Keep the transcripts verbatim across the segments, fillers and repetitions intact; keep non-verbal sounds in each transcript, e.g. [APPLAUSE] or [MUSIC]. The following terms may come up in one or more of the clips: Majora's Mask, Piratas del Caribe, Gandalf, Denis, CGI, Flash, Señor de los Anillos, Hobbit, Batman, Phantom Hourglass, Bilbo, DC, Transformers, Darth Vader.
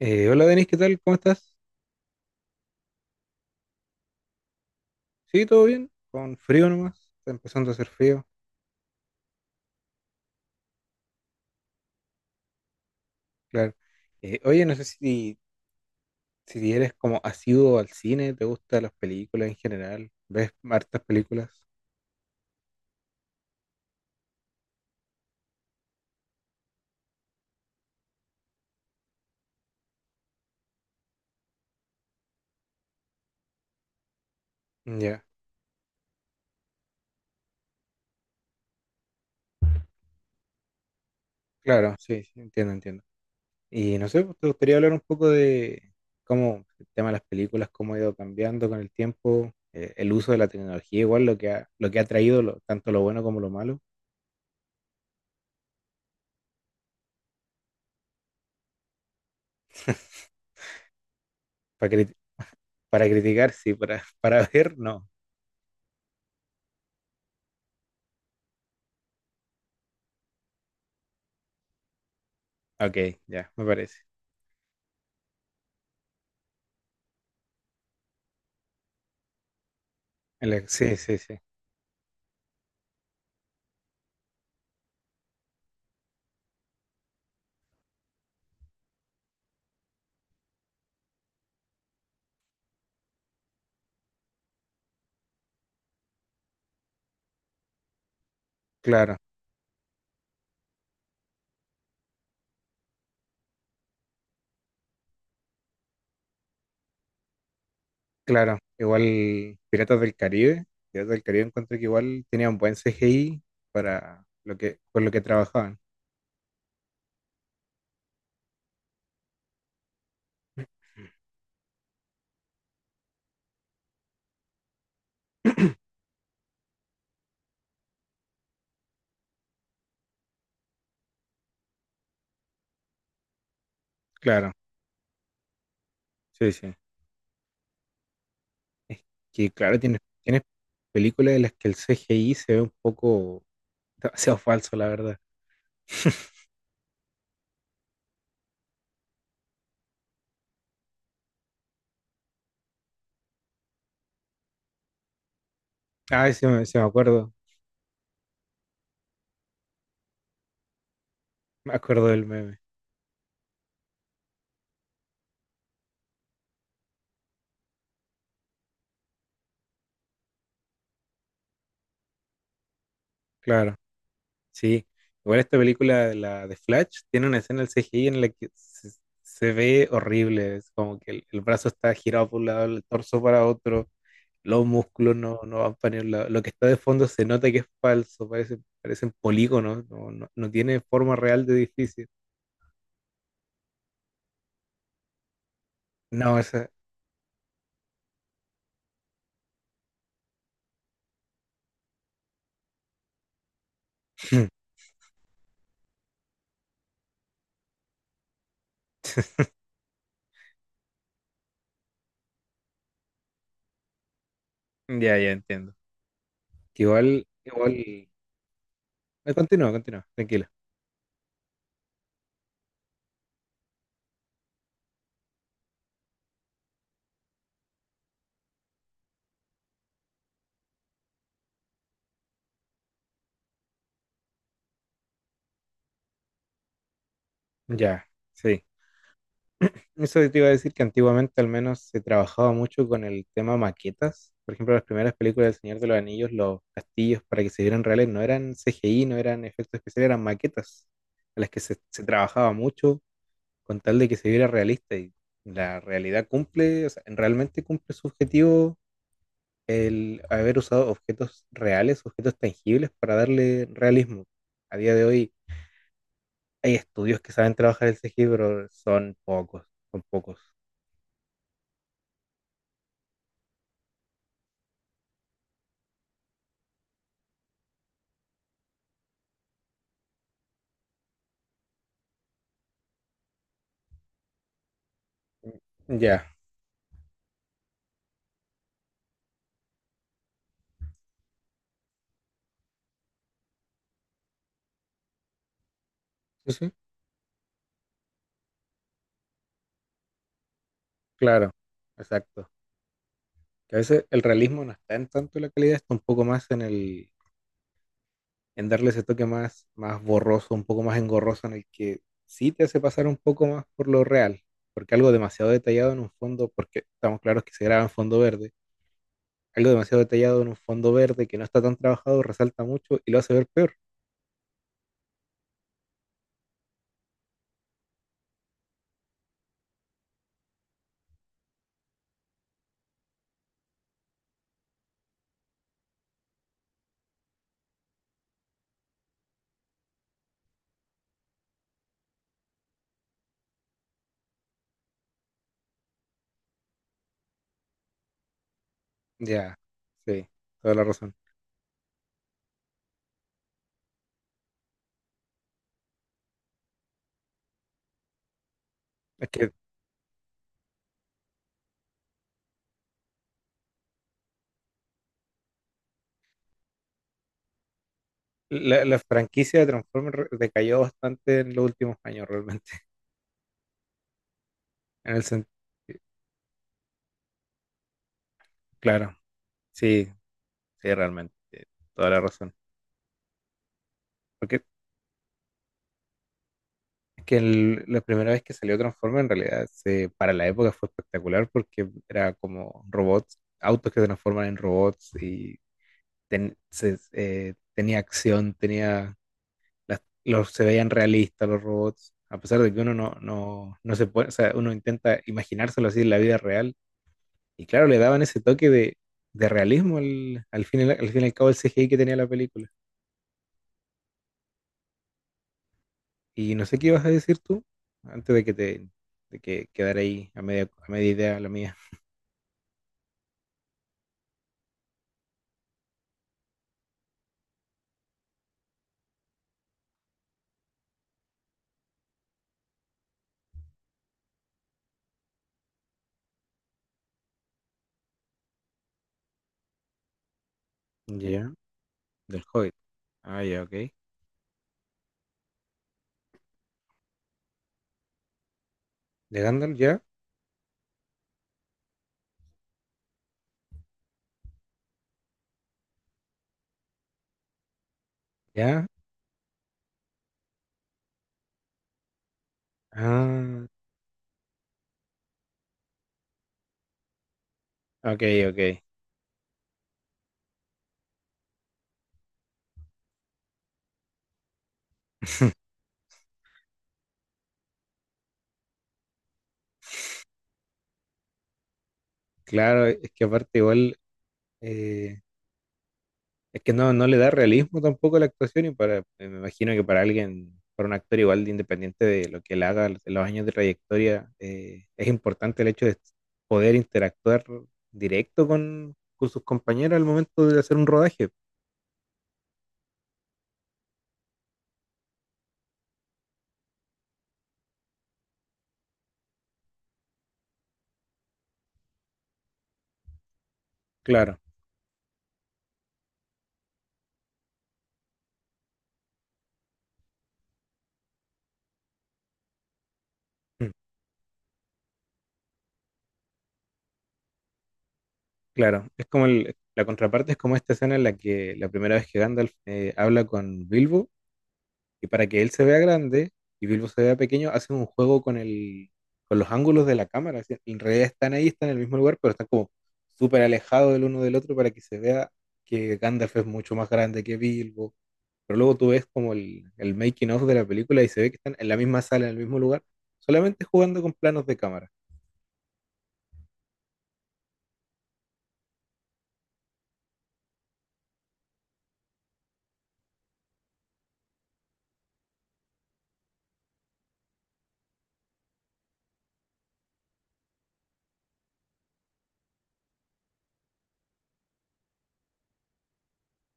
Eh, hola Denis, ¿qué tal? ¿Cómo estás? Sí, todo bien, con frío nomás, está empezando a hacer frío, claro. Eh, oye, no sé si, si eres como asiduo al cine, ¿te gustan las películas en general? ¿Ves hartas películas? Ya, claro, sí, sí, entiendo, entiendo. Y no sé, pues, te gustaría hablar un poco de cómo el tema de las películas, cómo ha ido cambiando con el tiempo, eh, el uso de la tecnología, igual lo que ha, lo que ha traído lo- tanto lo bueno como lo malo, para, cri- [LAUGHS] para criticar, sí, para, [LAUGHS] para ver, no. Ok, ya, me parece. El sí, sí, sí. Claro, claro. Igual Piratas del Caribe. Piratas del Caribe encontré que igual tenían buen C G I para lo que, por lo que trabajaban. [CLEARS THROAT] Claro, sí, sí. Es que claro, tienes, tienes películas en las que el C G I se ve un poco demasiado falso, la verdad. [LAUGHS] Ay, sí me, sí me acuerdo. Me acuerdo del meme. Claro. Sí, igual esta película, la de Flash, tiene una escena del C G I en la que se, se ve horrible, es como que el, el brazo está girado por un lado, el torso para otro, los músculos no, no van para ningún lado, lo que está de fondo se nota que es falso, parece, parecen polígonos, no, no, no tiene forma real de edificio. No, esa... [CLEARS THROAT] Ya, ya entiendo. Que igual, igual... eh, Continúa, continúa, tranquila. Ya, sí. Eso te iba a decir que antiguamente al menos se trabajaba mucho con el tema maquetas. Por ejemplo, las primeras películas del Señor de los Anillos, los castillos para que se vieran reales no eran C G I, no eran efectos especiales, eran maquetas a las que se, se trabajaba mucho con tal de que se viera realista. Y la realidad cumple, o sea, realmente cumple su objetivo el haber usado objetos reales, objetos tangibles para darle realismo. A día de hoy hay estudios que saben trabajar el C G I, pero son pocos, son pocos. Ya. Sí, sí, claro, exacto. Que a veces el realismo no está en tanto la calidad, está un poco más en el, en darle ese toque más, más borroso, un poco más engorroso, en el que sí te hace pasar un poco más por lo real, porque algo demasiado detallado en un fondo, porque estamos claros que se graba en fondo verde, algo demasiado detallado en un fondo verde que no está tan trabajado resalta mucho y lo hace ver peor. Ya, sí, toda la razón. Es que la, la franquicia de Transformers re- decayó bastante en los últimos años realmente, [LAUGHS] en el sentido, claro. Sí, sí, realmente, toda la razón. Porque es que el- la primera vez que salió Transformers, en realidad, se, para la época fue espectacular porque era como robots, autos que se transforman en robots y ten- se- eh, tenía acción, tenía las- los, se veían realistas los robots, a pesar de que uno no, no, no se puede, o sea, uno intenta imaginárselo así en la vida real. Y claro, le daban ese toque de, de realismo al, al fin, y al al fin y al cabo el C G I que tenía la película. Y no sé qué ibas a decir tú antes de que te de que quedara ahí a media, a media idea la mía. Ya, del Hobbit. Ah, ya, ok. ¿De Gandalf ya? Ya. Ah, ok, ok. [LAUGHS] Claro, es que aparte igual, eh, es que no, no le da realismo tampoco a la actuación y para, eh, me imagino que para alguien, para un actor igual de independiente de lo que él haga, de los años de trayectoria, eh, es importante el hecho de poder interactuar directo con, con sus compañeros al momento de hacer un rodaje. Claro. Mm, claro, es como el- la contraparte es como esta escena en la que la primera vez que Gandalf eh, habla con Bilbo y para que él se vea grande y Bilbo se vea pequeño, hacen un juego con el, con los ángulos de la cámara. Así, en realidad están ahí, están en el mismo lugar, pero están como súper alejados el uno del otro para que se vea que Gandalf es mucho más grande que Bilbo. Pero luego tú ves como el, el making of de la película y se ve que están en la misma sala, en el mismo lugar, solamente jugando con planos de cámara.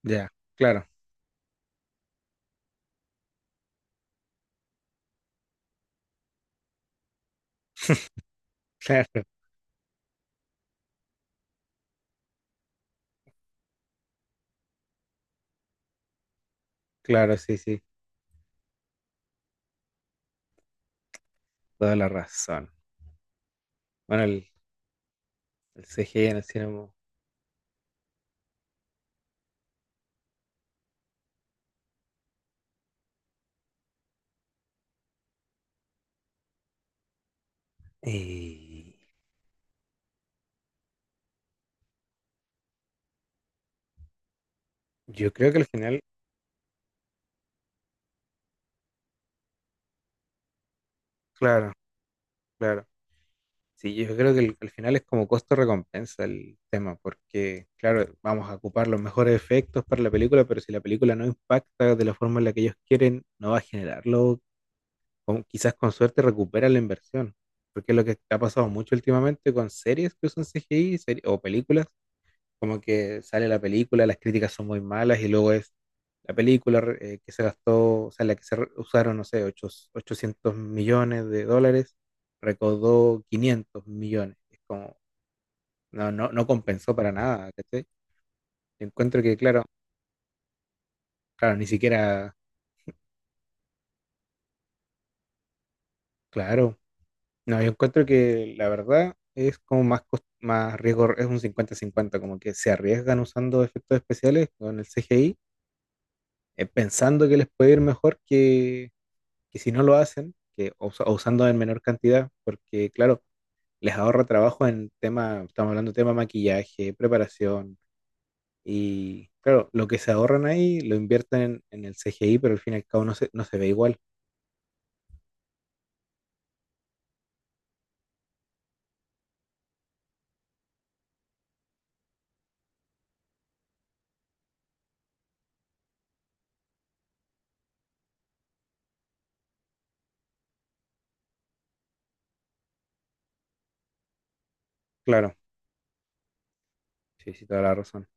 Ya, claro, [LAUGHS] claro, claro, sí, sí, toda la razón. Bueno, el, el C G I en el cine. eh, yo creo que al final, claro, claro. Sí, yo creo que el- al final es como costo-recompensa el tema, porque, claro, vamos a ocupar los mejores efectos para la película, pero si la película no impacta de la forma en la que ellos quieren, no va a generarlo. Con- quizás con suerte recupera la inversión, porque es lo que ha pasado mucho últimamente con series que usan C G I serie- o películas. Como que sale la película, las críticas son muy malas y luego es la película eh, que se gastó, o sea, la que se re- usaron, no sé, ocho- ochocientos millones de dólares, recaudó quinientos millones. Es como, no, no, no compensó para nada, ¿cachai? Yo encuentro que, claro, claro, ni siquiera, claro, no, yo encuentro que la verdad es como más, cos- más riesgo, es un cincuenta cincuenta como que se arriesgan usando efectos especiales con el C G I, eh, pensando que les puede ir mejor que que si no lo hacen, que usa- o usando en menor cantidad, porque claro, les ahorra trabajo en tema, estamos hablando de tema maquillaje, preparación, y claro, lo que se ahorran ahí lo invierten en, en el C G I, pero al fin y al cabo no se, no se ve igual. Claro, sí, sí, toda la razón.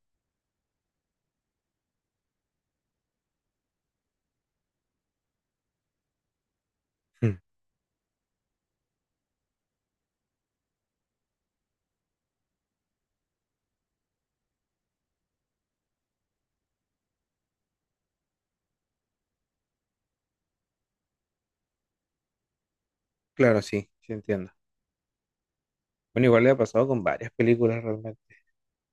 Mm, claro, sí, sí entiendo. Bueno, igual le ha pasado con varias películas realmente.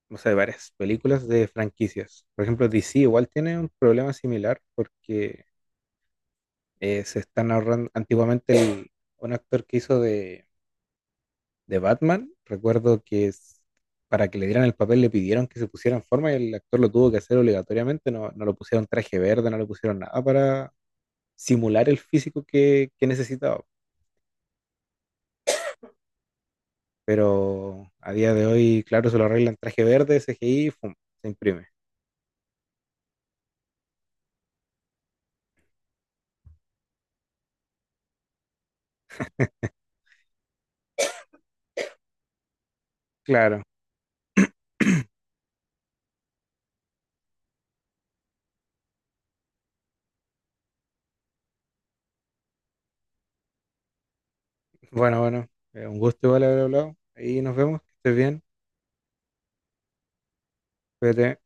O sea, varias películas de franquicias. Por ejemplo, D C igual tiene un problema similar porque eh, se están ahorrando antiguamente el- un actor que hizo de, de Batman. Recuerdo que es- para que le dieran el papel le pidieron que se pusiera en forma y el actor lo tuvo que hacer obligatoriamente. No, no lo pusieron traje verde, no le pusieron nada para simular el físico que, que necesitaba. Pero a día de hoy, claro, se lo arreglan traje verde, C G I, fum, se imprime. Claro. Bueno, bueno, eh, un gusto igual haber hablado. Ahí nos vemos, que estés bien, cuídate.